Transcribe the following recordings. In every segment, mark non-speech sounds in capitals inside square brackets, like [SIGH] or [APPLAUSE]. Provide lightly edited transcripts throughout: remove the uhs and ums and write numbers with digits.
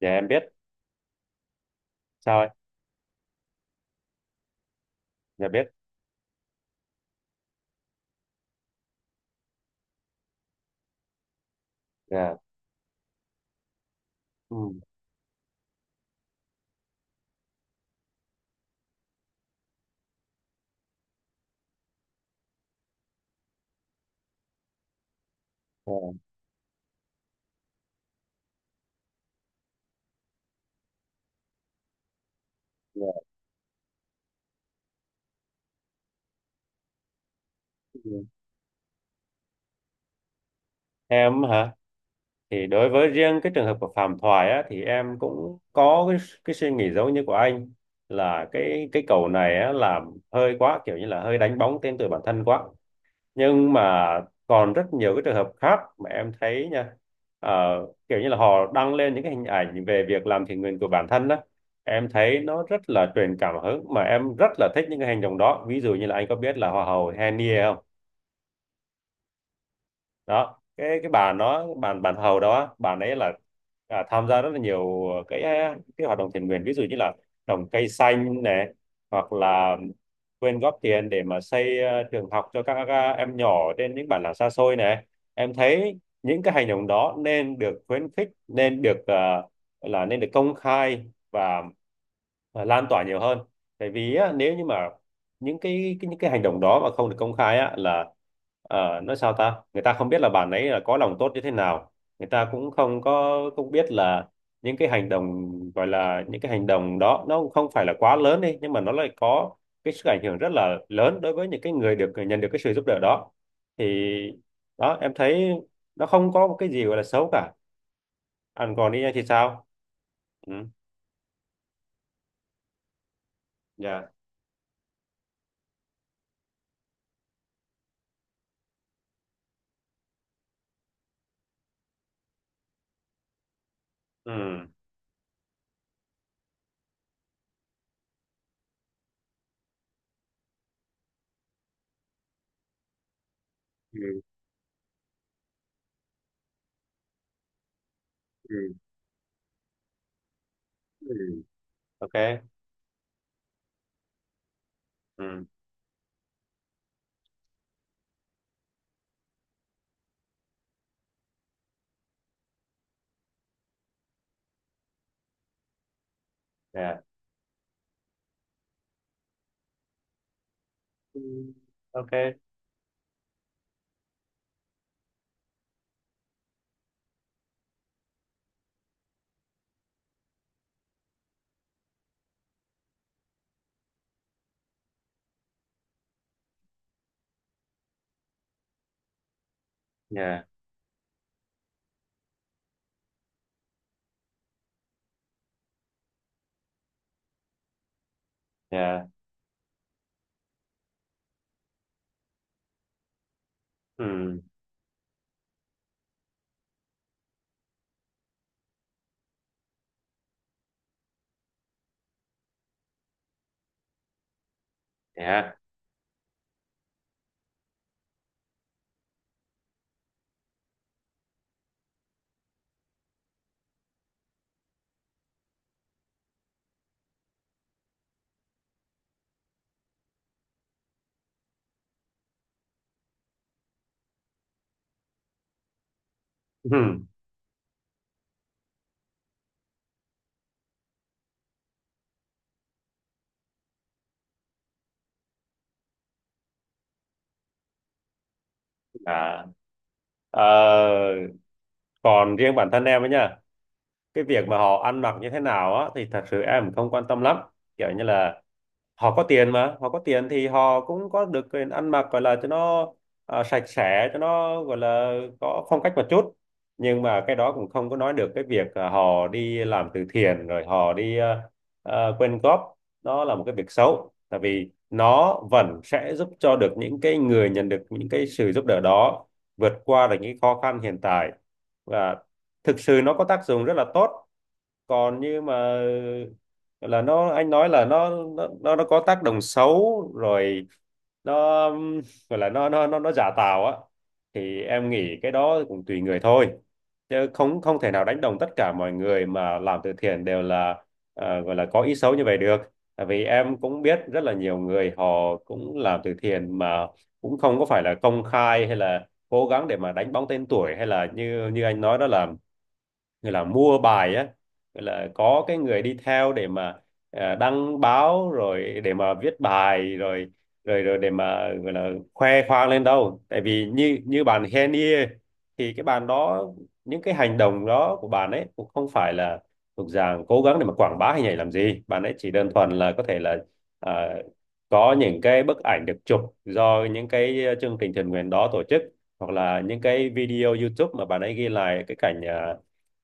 Dạ em biết. Sao anh? Dạ biết. Dạ. Ừ. Dạ. Dạ. Ừ. Em hả? Thì đối với riêng cái trường hợp của Phạm Thoại á, thì em cũng có cái suy nghĩ giống như của anh, là cái cầu này á làm hơi quá, kiểu như là hơi đánh bóng tên tuổi bản thân quá, nhưng mà còn rất nhiều cái trường hợp khác mà em thấy nha. Ờ, Kiểu như là họ đăng lên những cái hình ảnh về việc làm thiện nguyện của bản thân đó, em thấy nó rất là truyền cảm hứng, mà em rất là thích những cái hành động đó. Ví dụ như là anh có biết là hoa hậu Henny không? Đó, cái bà nó bàn bàn hầu đó, bà ấy là tham gia rất là nhiều cái hoạt động thiện nguyện, ví dụ như là trồng cây xanh này, hoặc là quyên góp tiền để mà xây trường học cho các em nhỏ trên những bản làng xa xôi này. Em thấy những cái hành động đó nên được khuyến khích, nên được là nên được công khai và lan tỏa nhiều hơn. Tại vì á, nếu như mà những cái những cái hành động đó mà không được công khai á, là nói sao ta, người ta không biết là bạn ấy là có lòng tốt như thế nào. Người ta cũng không có không biết là những cái hành động, gọi là những cái hành động đó nó cũng không phải là quá lớn đi, nhưng mà nó lại có cái sức ảnh hưởng rất là lớn đối với những cái người được nhận được cái sự giúp đỡ đó. Thì đó em thấy nó không có một cái gì gọi là xấu cả. Anh còn đi thì sao? Ừ. Dạ. Ừ. Ừ, ừ, ừ. Okay. Ừ. Yeah. Ừ. Ok. Yeah, yeah. Ừ. Yeah. [LAUGHS] Ừ. À. ờ Còn riêng bản thân em ấy nhá, cái việc mà họ ăn mặc như thế nào á thì thật sự em không quan tâm lắm. Kiểu như là họ có tiền, mà họ có tiền thì họ cũng có được quyền ăn mặc, gọi là cho nó sạch sẽ, cho nó gọi là có phong cách một chút. Nhưng mà cái đó cũng không có nói được cái việc họ đi làm từ thiện rồi họ đi quyên góp nó là một cái việc xấu, tại vì nó vẫn sẽ giúp cho được những cái người nhận được những cái sự giúp đỡ đó vượt qua được những khó khăn hiện tại, và thực sự nó có tác dụng rất là tốt. Còn như mà là nó anh nói là nó nó có tác động xấu rồi, nó gọi là nó giả tạo á, thì em nghĩ cái đó cũng tùy người thôi, chứ không không thể nào đánh đồng tất cả mọi người mà làm từ thiện đều là gọi là có ý xấu như vậy được. Tại vì em cũng biết rất là nhiều người họ cũng làm từ thiện mà cũng không có phải là công khai, hay là cố gắng để mà đánh bóng tên tuổi, hay là như như anh nói đó là người là mua bài á, gọi là có cái người đi theo để mà đăng báo rồi để mà viết bài rồi rồi rồi để mà gọi là khoe khoang lên đâu. Tại vì như như bạn Henny thì cái bạn đó, những cái hành động đó của bạn ấy cũng không phải là thuộc dạng cố gắng để mà quảng bá hình ảnh làm gì. Bạn ấy chỉ đơn thuần là có thể là ờ, có những cái bức ảnh được chụp do những cái chương trình thiện nguyện đó tổ chức, hoặc là những cái video YouTube mà bạn ấy ghi lại cái cảnh à,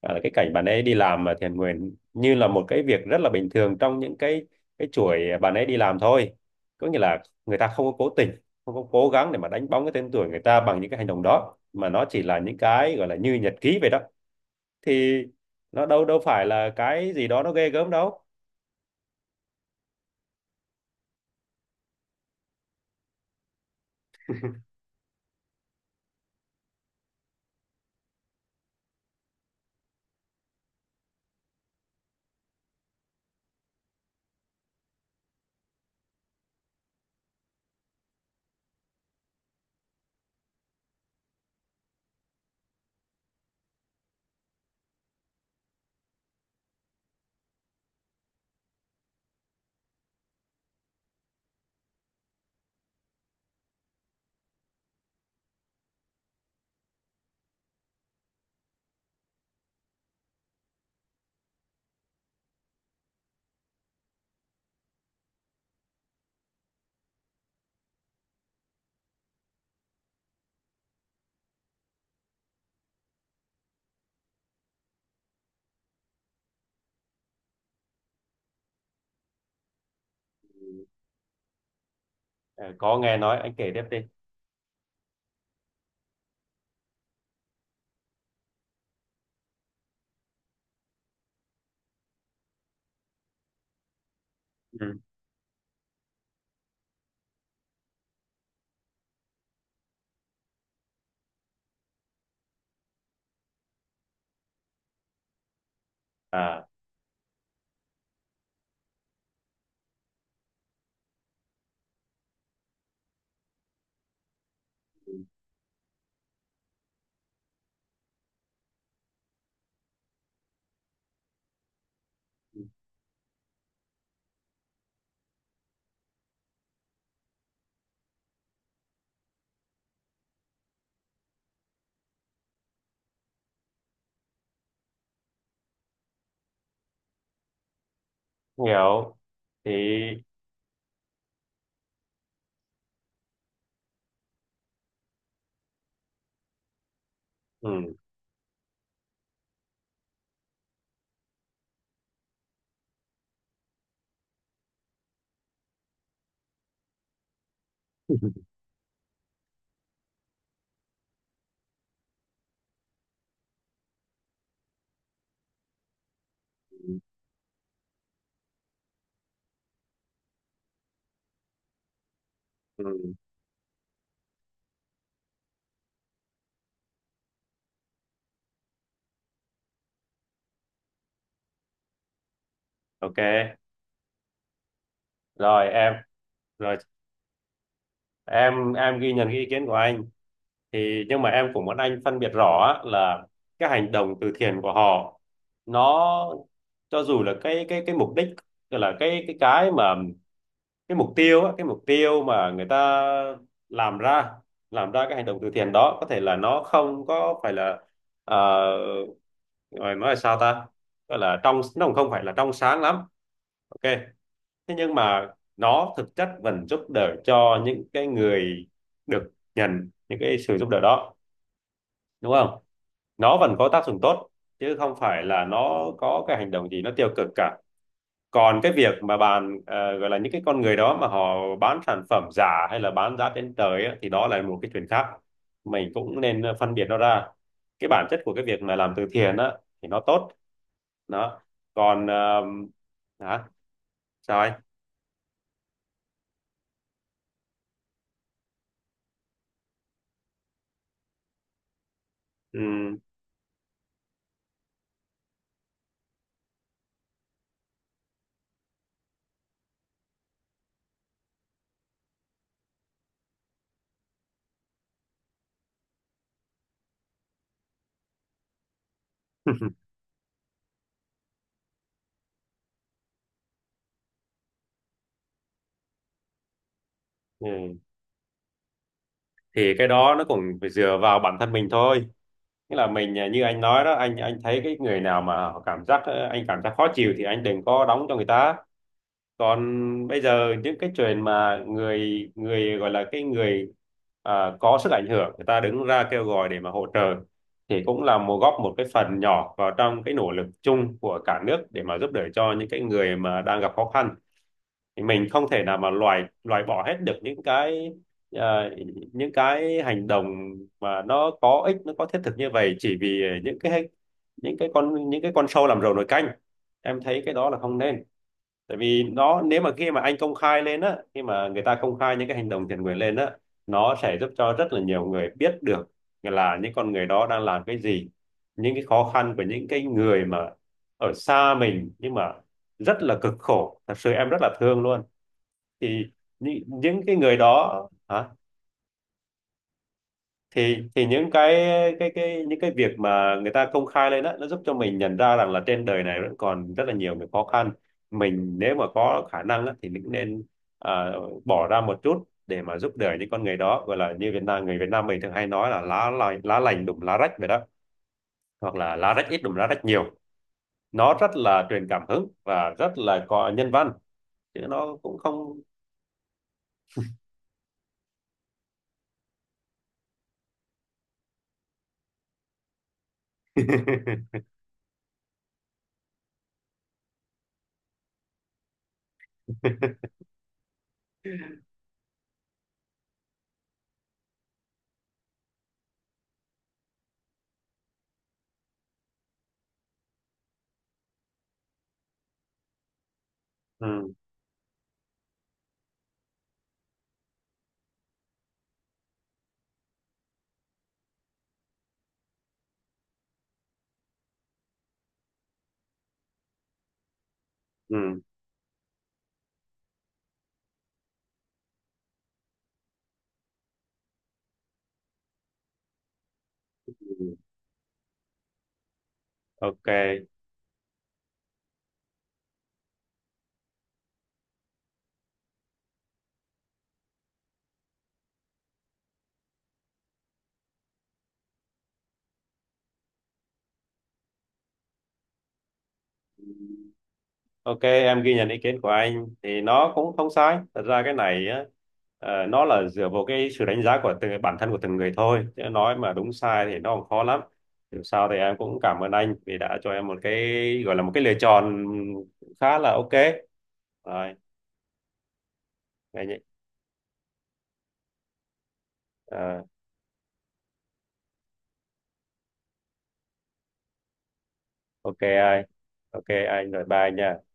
À, là cái cảnh bạn ấy đi làm mà thiện nguyện như là một cái việc rất là bình thường trong những cái chuỗi bạn ấy đi làm thôi. Có nghĩa là người ta không có cố tình, không có cố gắng để mà đánh bóng cái tên tuổi người ta bằng những cái hành động đó, mà nó chỉ là những cái gọi là như nhật ký vậy đó. Thì nó đâu đâu phải là cái gì đó nó ghê gớm đâu. À, có nghe nói. Anh kể tiếp đi. Ừ. À. Ừ. Hiểu. Thì ừ. [LAUGHS] Ừ. Ok. Rồi, rồi, em ghi nhận cái ý kiến của anh. Thì nhưng mà em cũng muốn anh phân biệt rõ á, là cái hành động từ thiện của họ nó, cho dù là cái mục đích, tức là cái mục tiêu á, cái mục tiêu mà người ta làm ra làm ra cái hành động từ thiện đó có thể là nó không có phải là ờ, rồi nói là sao ta, gọi là trong, nó cũng không phải là trong sáng lắm. Ok, thế nhưng mà nó thực chất vẫn giúp đỡ cho những cái người được nhận những cái sự giúp đỡ đó, đúng không? Nó vẫn có tác dụng tốt, chứ không phải là nó có cái hành động gì nó tiêu cực cả. Còn cái việc mà bạn gọi là những cái con người đó mà họ bán sản phẩm giả, hay là bán giá trên trời á, thì đó là một cái chuyện khác. Mình cũng nên phân biệt nó ra, cái bản chất của cái việc mà làm từ thiện á thì nó tốt. Đó. Còn hả? Sao anh? Ừ. [LAUGHS] Ừ. Thì cái đó nó cũng phải dựa vào bản thân mình thôi, nghĩa là mình như anh nói đó, anh thấy cái người nào mà họ cảm giác anh cảm giác khó chịu thì anh đừng có đóng cho người ta. Còn bây giờ những cái chuyện mà người người gọi là cái người có sức ảnh hưởng, người ta đứng ra kêu gọi để mà hỗ trợ, thì cũng là góp một cái phần nhỏ vào trong cái nỗ lực chung của cả nước để mà giúp đỡ cho những cái người mà đang gặp khó khăn. Thì mình không thể nào mà loại loại bỏ hết được những cái ờ, những cái hành động mà nó có ích, nó có thiết thực như vậy chỉ vì những cái con sâu làm rầu nồi canh. Em thấy cái đó là không nên. Tại vì nó, nếu mà khi mà anh công khai lên á, khi mà người ta công khai những cái hành động thiện nguyện lên á, nó sẽ giúp cho rất là nhiều người biết được là những con người đó đang làm cái gì, những cái khó khăn của những cái người mà ở xa mình nhưng mà rất là cực khổ, thật sự em rất là thương luôn. Thì những cái người đó. Hả? Thì những cái những cái việc mà người ta công khai lên đó, nó giúp cho mình nhận ra rằng là trên đời này vẫn còn rất là nhiều cái khó khăn. Mình nếu mà có khả năng á, thì mình cũng nên à, bỏ ra một chút để mà giúp đỡ những con người đó, gọi là như Việt Nam, người Việt Nam mình thường hay nói là lá lành đùm lá rách vậy đó, hoặc là lá rách ít đùm lá rách nhiều. Nó rất là truyền cảm hứng và rất là có nhân văn, chứ nó cũng không. [LAUGHS] Ừ, ừ, ừ. Ok. Ok, em ghi nhận ý kiến của anh thì nó cũng không sai. Thật ra cái này á, nó là dựa vào cái sự đánh giá của từng bản thân, của từng người thôi. Chứ nói mà đúng sai thì nó còn khó lắm. Dù sao thì em cũng cảm ơn anh vì đã cho em một cái gọi là một cái lựa chọn khá là ok. Rồi, anh, ok anh, ok anh, rồi bye nha.